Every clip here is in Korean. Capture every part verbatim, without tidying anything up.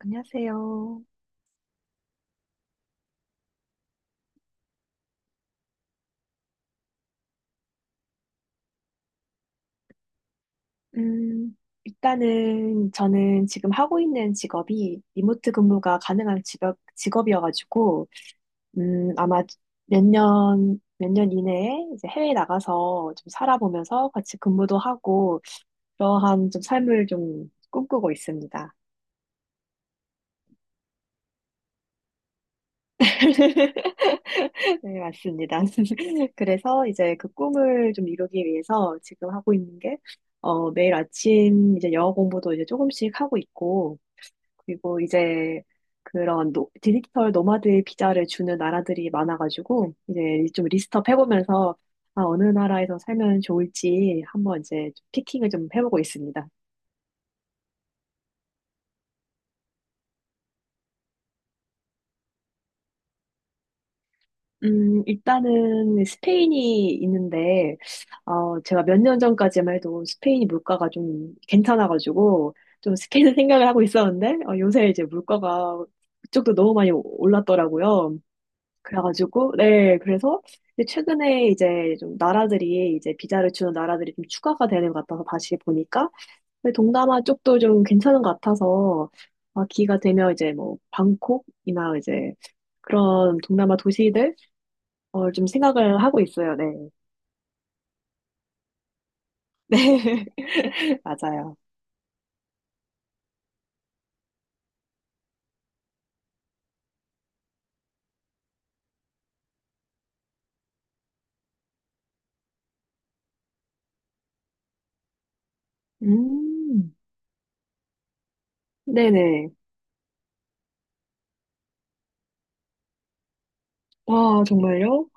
안녕하세요. 음, 일단은 저는 지금 하고 있는 직업이 리모트 근무가 가능한 직업, 직업이어가지고, 음, 아마 몇 년, 몇 년 이내에 이제 해외에 나가서 좀 살아보면서 같이 근무도 하고, 그러한 좀 삶을 좀 꿈꾸고 있습니다. 네, 맞습니다. 그래서 이제 그 꿈을 좀 이루기 위해서 지금 하고 있는 게, 어, 매일 아침 이제 영어 공부도 이제 조금씩 하고 있고, 그리고 이제 그런 노, 디지털 노마드의 비자를 주는 나라들이 많아가지고 이제 좀 리스트업 해보면서 아, 어느 나라에서 살면 좋을지 한번 이제 좀 피킹을 좀 해보고 있습니다. 음, 일단은 스페인이 있는데, 어, 제가 몇 년 전까지만 해도 스페인 물가가 좀 괜찮아가지고, 좀 스페인 생각을 하고 있었는데, 어, 요새 이제 물가가 그쪽도 너무 많이 올랐더라고요. 그래가지고, 네, 그래서, 근데 최근에 이제 좀 나라들이, 이제 비자를 주는 나라들이 좀 추가가 되는 것 같아서 다시 보니까, 근데 동남아 쪽도 좀 괜찮은 것 같아서, 아, 기회가 되면 이제 뭐, 방콕이나 이제 그런 동남아 도시들, 어, 좀 생각을 하고 있어요. 네. 네, 맞아요. 음, 네네. 와, 정말요?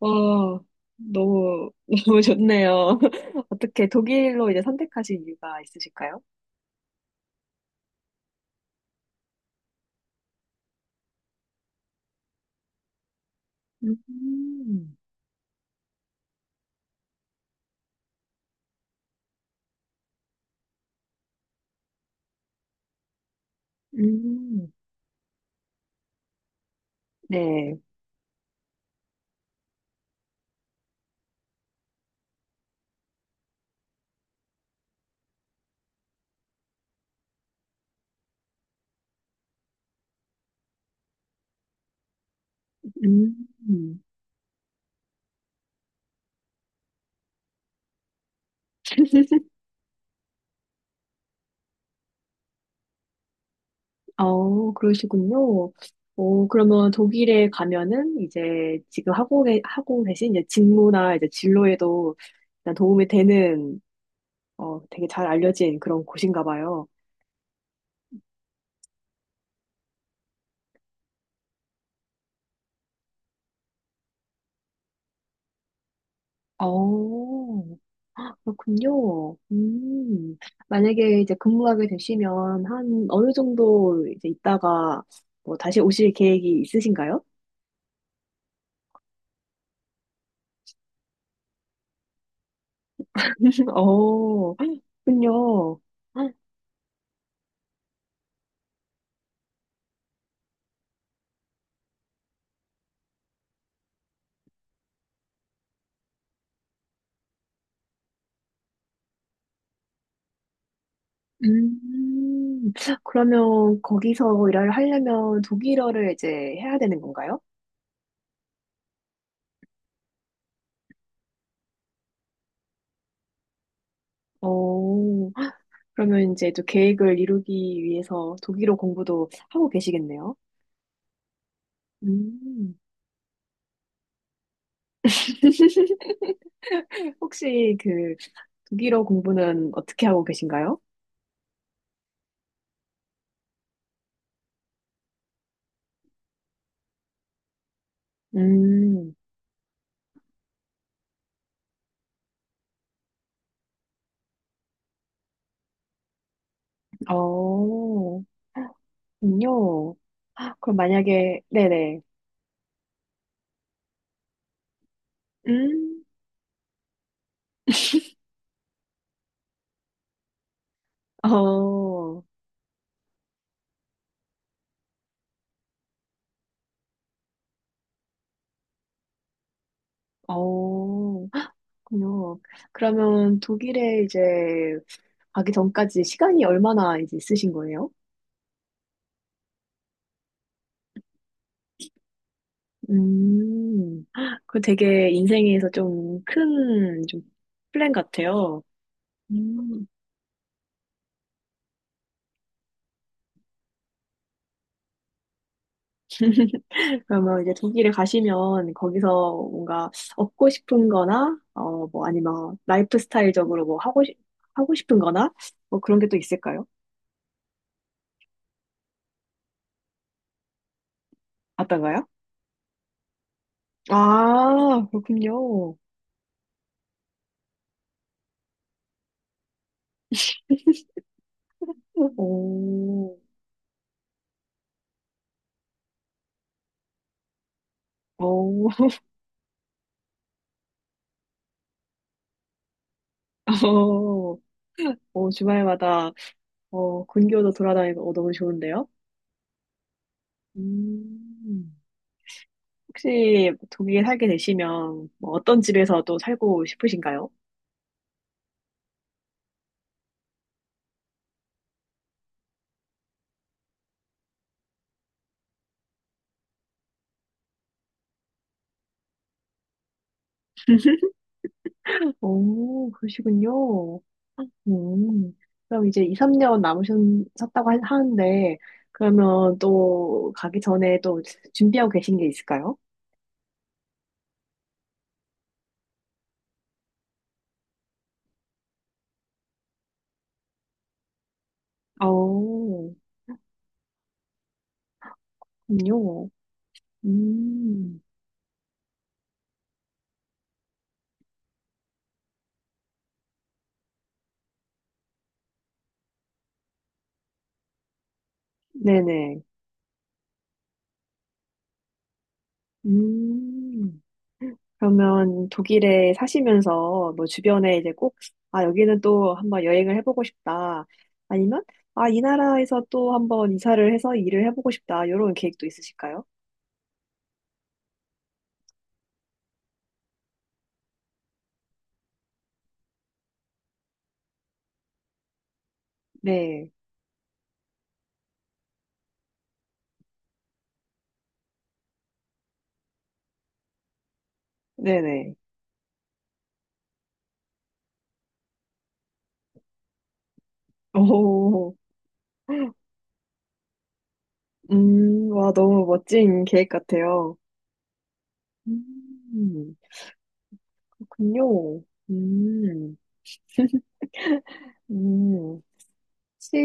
와, 너무, 너무 좋네요. 어떻게 독일로 이제 선택하신 이유가 있으실까요? 음. 음, 네. 음, 어, 그러시군요. 오, 그러면 독일에 가면은 이제 지금 하고, 계- 하고 계신 이제 직무나 이제 진로에도 일단 도움이 되는, 어, 되게 잘 알려진 그런 곳인가 봐요. 어, 그렇군요. 음, 만약에 이제 근무하게 되시면 한 어느 정도 이제 있다가 뭐 다시 오실 계획이 있으신가요? 어, 그렇군요. 음, 그러면 거기서 일을 하려면 독일어를 이제 해야 되는 건가요? 오, 그러면 이제 또 계획을 이루기 위해서 독일어 공부도 하고 계시겠네요. 음, 혹시 그 독일어 공부는 어떻게 하고 계신가요? 음, 어, 군요. 그럼 만약에, 네네. 음, 어, 어, 그렇군요. 그러면 독일에 이제 가기 전까지 시간이 얼마나 이제 있으신 거예요? 음, 그 되게 인생에서 좀 큰 좀 플랜 같아요. 음, 그러면 이제 독일에 가시면 거기서 뭔가 얻고 싶은 거나, 어, 뭐 아니면 라이프 스타일적으로 뭐 하고, 싶 하고 싶은 거나, 뭐 그런 게 또 있을까요? 어떤가요? 아, 그렇군요. 오, 오, 오, 주말마다, 어, 근교도 돌아다니고, 어, 너무 좋은데요? 음. 혹시 독일에 살게 되시면 뭐 어떤 집에서 또 살고 싶으신가요? 오, 그러시군요. 음, 그럼 이제 이, 삼 년 남으셨다고 하- 하는데, 그러면 또 가기 전에 또 준비하고 계신 게 있을까요? 오, 그럼요. 음, 네네. 음, 그러면 독일에 사시면서 뭐 주변에 이제 꼭, 아, 여기는 또 한번 여행을 해보고 싶다. 아니면, 아, 이 나라에서 또 한번 이사를 해서 일을 해보고 싶다. 이런 계획도 있으실까요? 네, 네네. 오, 음, 와, 너무 멋진 계획 같아요. 음, 그렇군요. 음, 음, 혹시,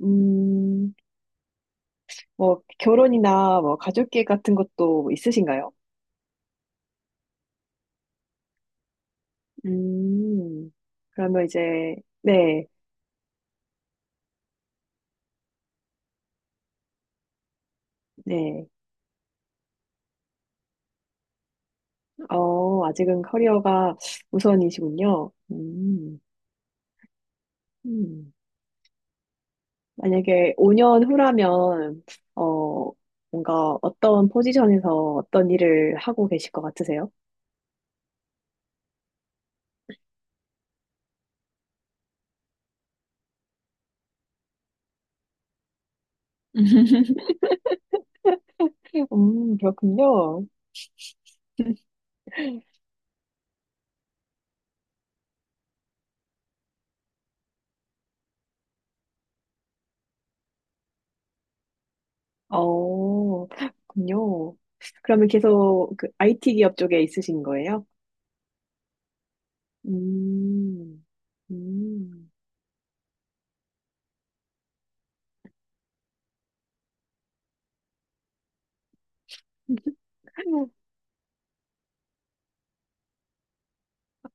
음, 뭐, 결혼이나 뭐, 가족계획 같은 것도 있으신가요? 음, 그러면 이제, 네, 네. 어, 아직은 커리어가 우선이시군요. 음, 음. 만약에 오 년 후라면, 어, 뭔가 어떤 포지션에서 어떤 일을 하고 계실 것 같으세요? 음, 그렇군요. 어, 그렇군요. 그러면 계속 그 아이티 기업 쪽에 있으신 거예요? 음, 음.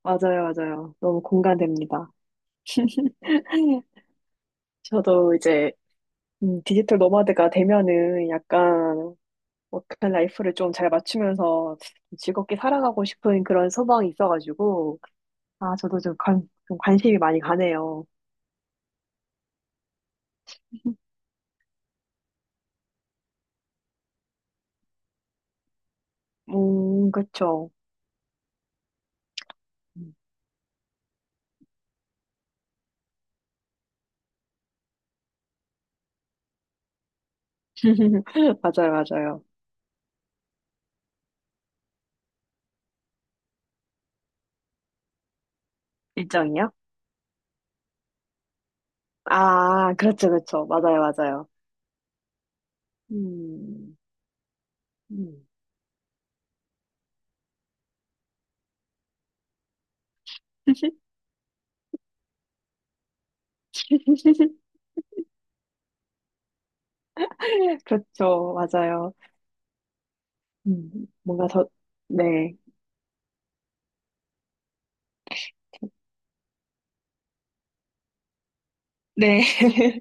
맞아요, 맞아요. 너무 공감됩니다. 저도 이제 음, 디지털 노마드가 되면은 약간 워크 라이프를 좀 잘 맞추면서 즐겁게 살아가고 싶은 그런 소망이 있어가지고 아 저도 좀, 관, 좀 관심이 많이 가네요. 음 그쵸. 음. 맞아요, 맞아요. 일정이요? 아 그렇죠, 그렇죠. 맞아요, 맞아요. 음, 음. 그렇죠, 맞아요. 음, 뭔가 더 네. 네.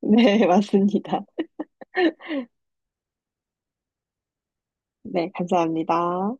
네, 맞습니다. 네, 감사합니다.